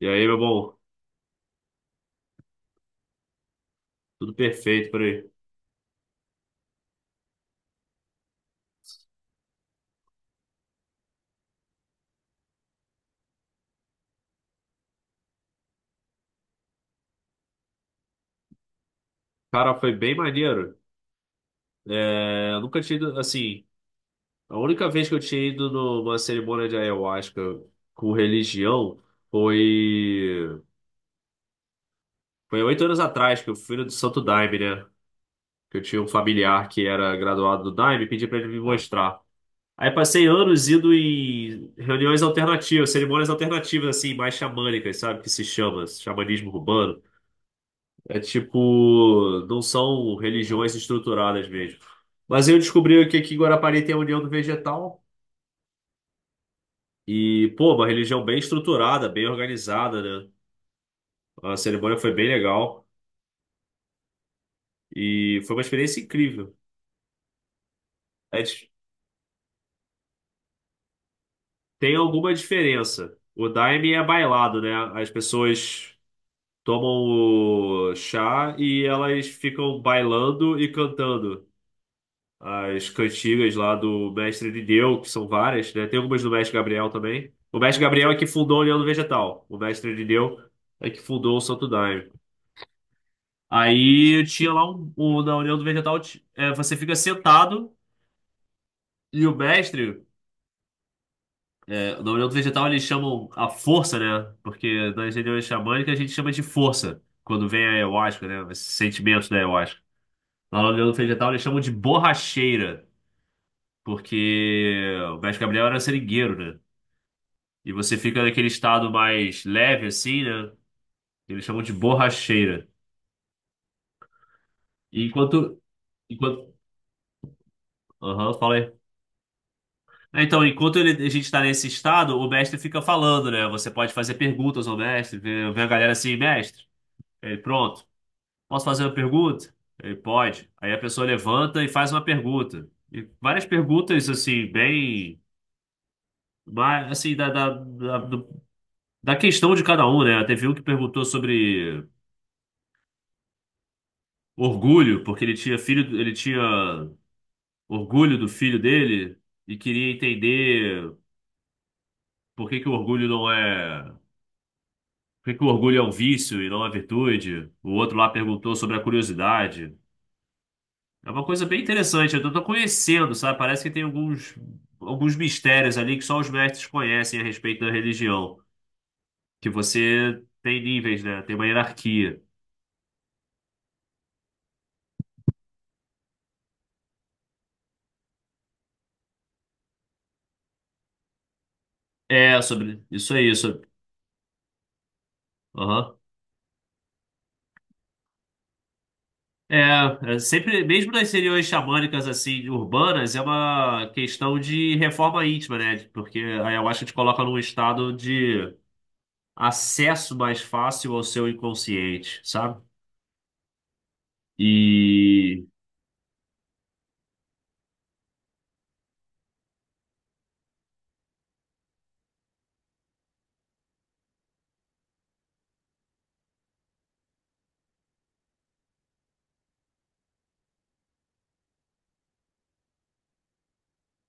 E aí, meu bom, tudo perfeito por aí. Cara, foi bem maneiro. É, eu nunca tinha ido, assim, a única vez que eu tinha ido numa cerimônia de ayahuasca com religião foi 8 anos atrás que eu fui no do Santo Daime, né? Que eu tinha um familiar que era graduado do Daime e pedi pra ele me mostrar. Aí passei anos indo em reuniões alternativas, cerimônias alternativas, assim, mais xamânicas, sabe? Que se chama, xamanismo urbano. É tipo, não são religiões estruturadas mesmo. Mas eu descobri que aqui em Guarapari tem a União do Vegetal. E, pô, uma religião bem estruturada, bem organizada, né? A cerimônia foi bem legal. E foi uma experiência incrível. É dif- Tem alguma diferença. O Daime é bailado, né? As pessoas tomam o chá e elas ficam bailando e cantando. As cantigas lá do Mestre Irineu, que são várias, né? Tem algumas do Mestre Gabriel também. O Mestre Gabriel é que fundou o União do Vegetal. O Mestre Irineu é que fundou o Santo Daime. Aí tinha lá na União do Vegetal, você fica sentado e o mestre, é, na União do Vegetal eles chamam a força, né? Porque nas reuniões xamânicas a gente chama de força, quando vem a ayahuasca, né? Esses sentimentos da ayahuasca. Lá na União do Vegetal eles chamam de borracheira, porque o mestre Gabriel era seringueiro, né? E você fica naquele estado mais leve, assim, né? Que eles chamam de borracheira. E enquanto. Enquanto. Aham, fala aí. É, então, a gente está nesse estado, o mestre fica falando, né? Você pode fazer perguntas ao mestre. Vê Vem a galera assim, mestre. Ele, pronto. Posso fazer uma pergunta? Ele pode. Aí a pessoa levanta e faz uma pergunta. E várias perguntas, assim, bem. Mas, assim, da questão de cada um, né? Teve um que perguntou sobre orgulho, porque ele tinha filho, ele tinha orgulho do filho dele e queria entender por que que o orgulho é um vício e não uma virtude. O outro lá perguntou sobre a curiosidade. É uma coisa bem interessante, eu tô conhecendo, sabe? Parece que tem alguns mistérios ali que só os mestres conhecem a respeito da religião, que você tem níveis, né? Tem uma hierarquia. É, sobre isso aí, sobre... Aham. É, é sempre, mesmo nas regiões xamânicas assim, urbanas, é uma questão de reforma íntima, né? Porque a ayahuasca te coloca num estado de acesso mais fácil ao seu inconsciente, sabe? E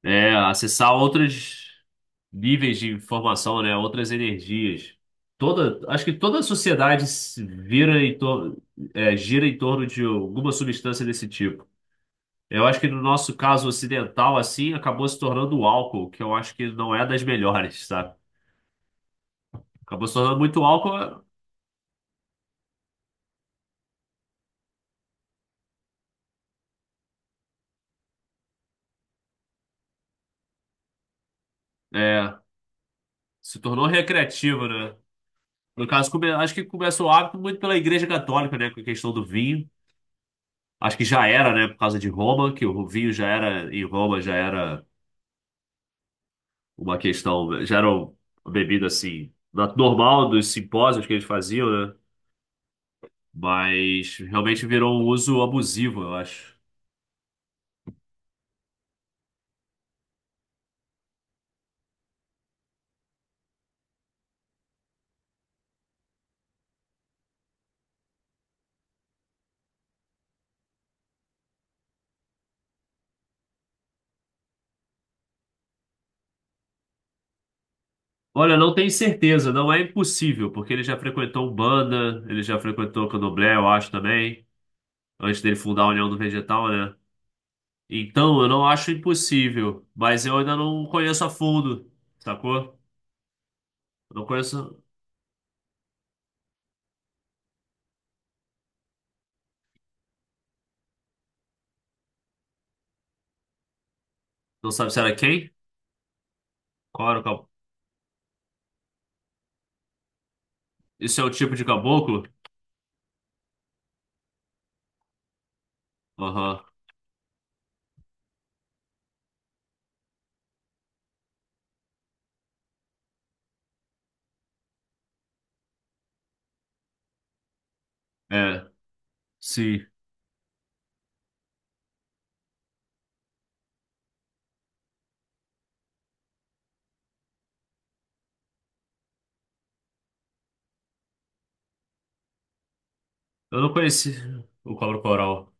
é, acessar outros níveis de informação, né? Outras energias. Toda, acho que toda a sociedade se vira em tor- é, gira em torno de alguma substância desse tipo. Eu acho que no nosso caso ocidental, assim, acabou se tornando o álcool, que eu acho que não é das melhores, sabe? Acabou se tornando muito álcool, é, se tornou recreativo, né? No caso, acho que começou o hábito muito pela Igreja Católica, né, com a questão do vinho. Acho que já era, né, por causa de Roma, que o vinho já era, em Roma, já era uma questão, já era uma bebida, assim, normal dos simpósios que eles faziam, né? Mas realmente virou um uso abusivo, eu acho. Olha, não tenho certeza, não é impossível, porque ele já frequentou Umbanda, ele já frequentou Candomblé, eu acho também, antes dele fundar a União do Vegetal, né? Então, eu não acho impossível, mas eu ainda não conheço a fundo, sacou? Não conheço, não sabe se era quem? Qual era o caboclo? Isso é o tipo de caboclo? Aham, é, sim. Eu não conheci o cobra coral.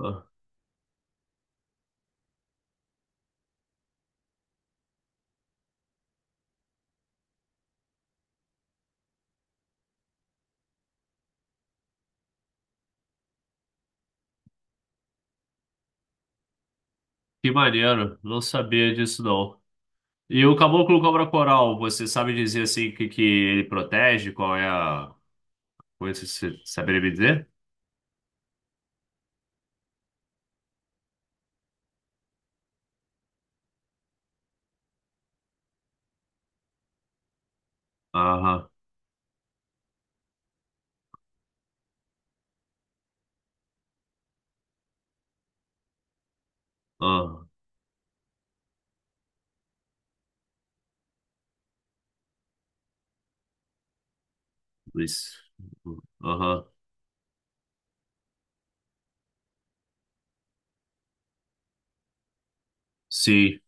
Ah, que maneiro, não sabia disso não. E o caboclo cobra coral, você sabe dizer assim que ele protege? Qual é a coisa que você saberia me dizer? Aham, aham, isso. Aham, sim,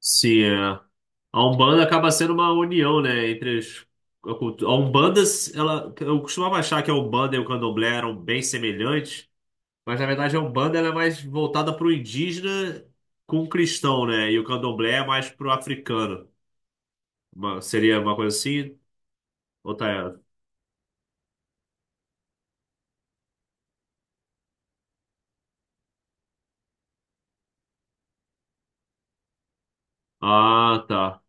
sim. é. A Umbanda acaba sendo uma união, né, entre as, a Umbanda, ela, eu costumava achar que a Umbanda e o Candomblé eram bem semelhantes, mas na verdade a Umbanda ela é mais voltada para o indígena com o cristão, né, e o Candomblé é mais para o africano. Seria uma coisa assim? Ou tá errado? Ah, tá.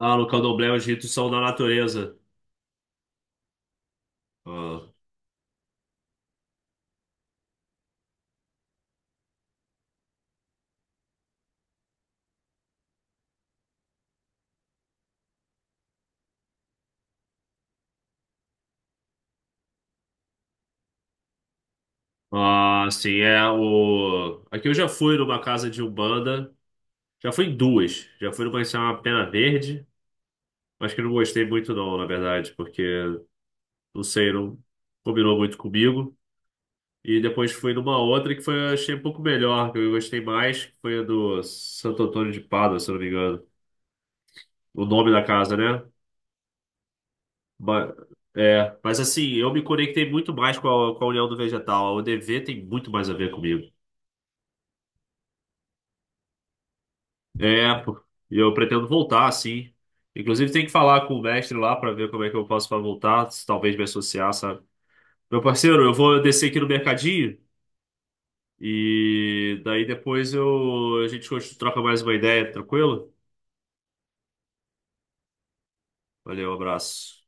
Ah, no Candomblé os ritos são da natureza. Ah. Ah, sim, é o. Aqui eu já fui numa casa de Umbanda. Já fui em duas. Já fui numa que se chama Pena Verde. Acho que eu não gostei muito, não, na verdade, porque não sei, não combinou muito comigo. E depois fui numa outra que foi, eu achei um pouco melhor, que eu gostei mais, que foi a do Santo Antônio de Pádua, se eu não me engano. O nome da casa, né? Ba- é, mas assim, eu me conectei muito mais com com a União do Vegetal. A UDV tem muito mais a ver comigo. É, pô. E eu pretendo voltar, sim. Inclusive, tem que falar com o mestre lá para ver como é que eu posso para voltar, se talvez me associar, sabe? Meu parceiro, eu vou descer aqui no mercadinho e daí depois eu a gente troca mais uma ideia, tranquilo? Valeu, abraço.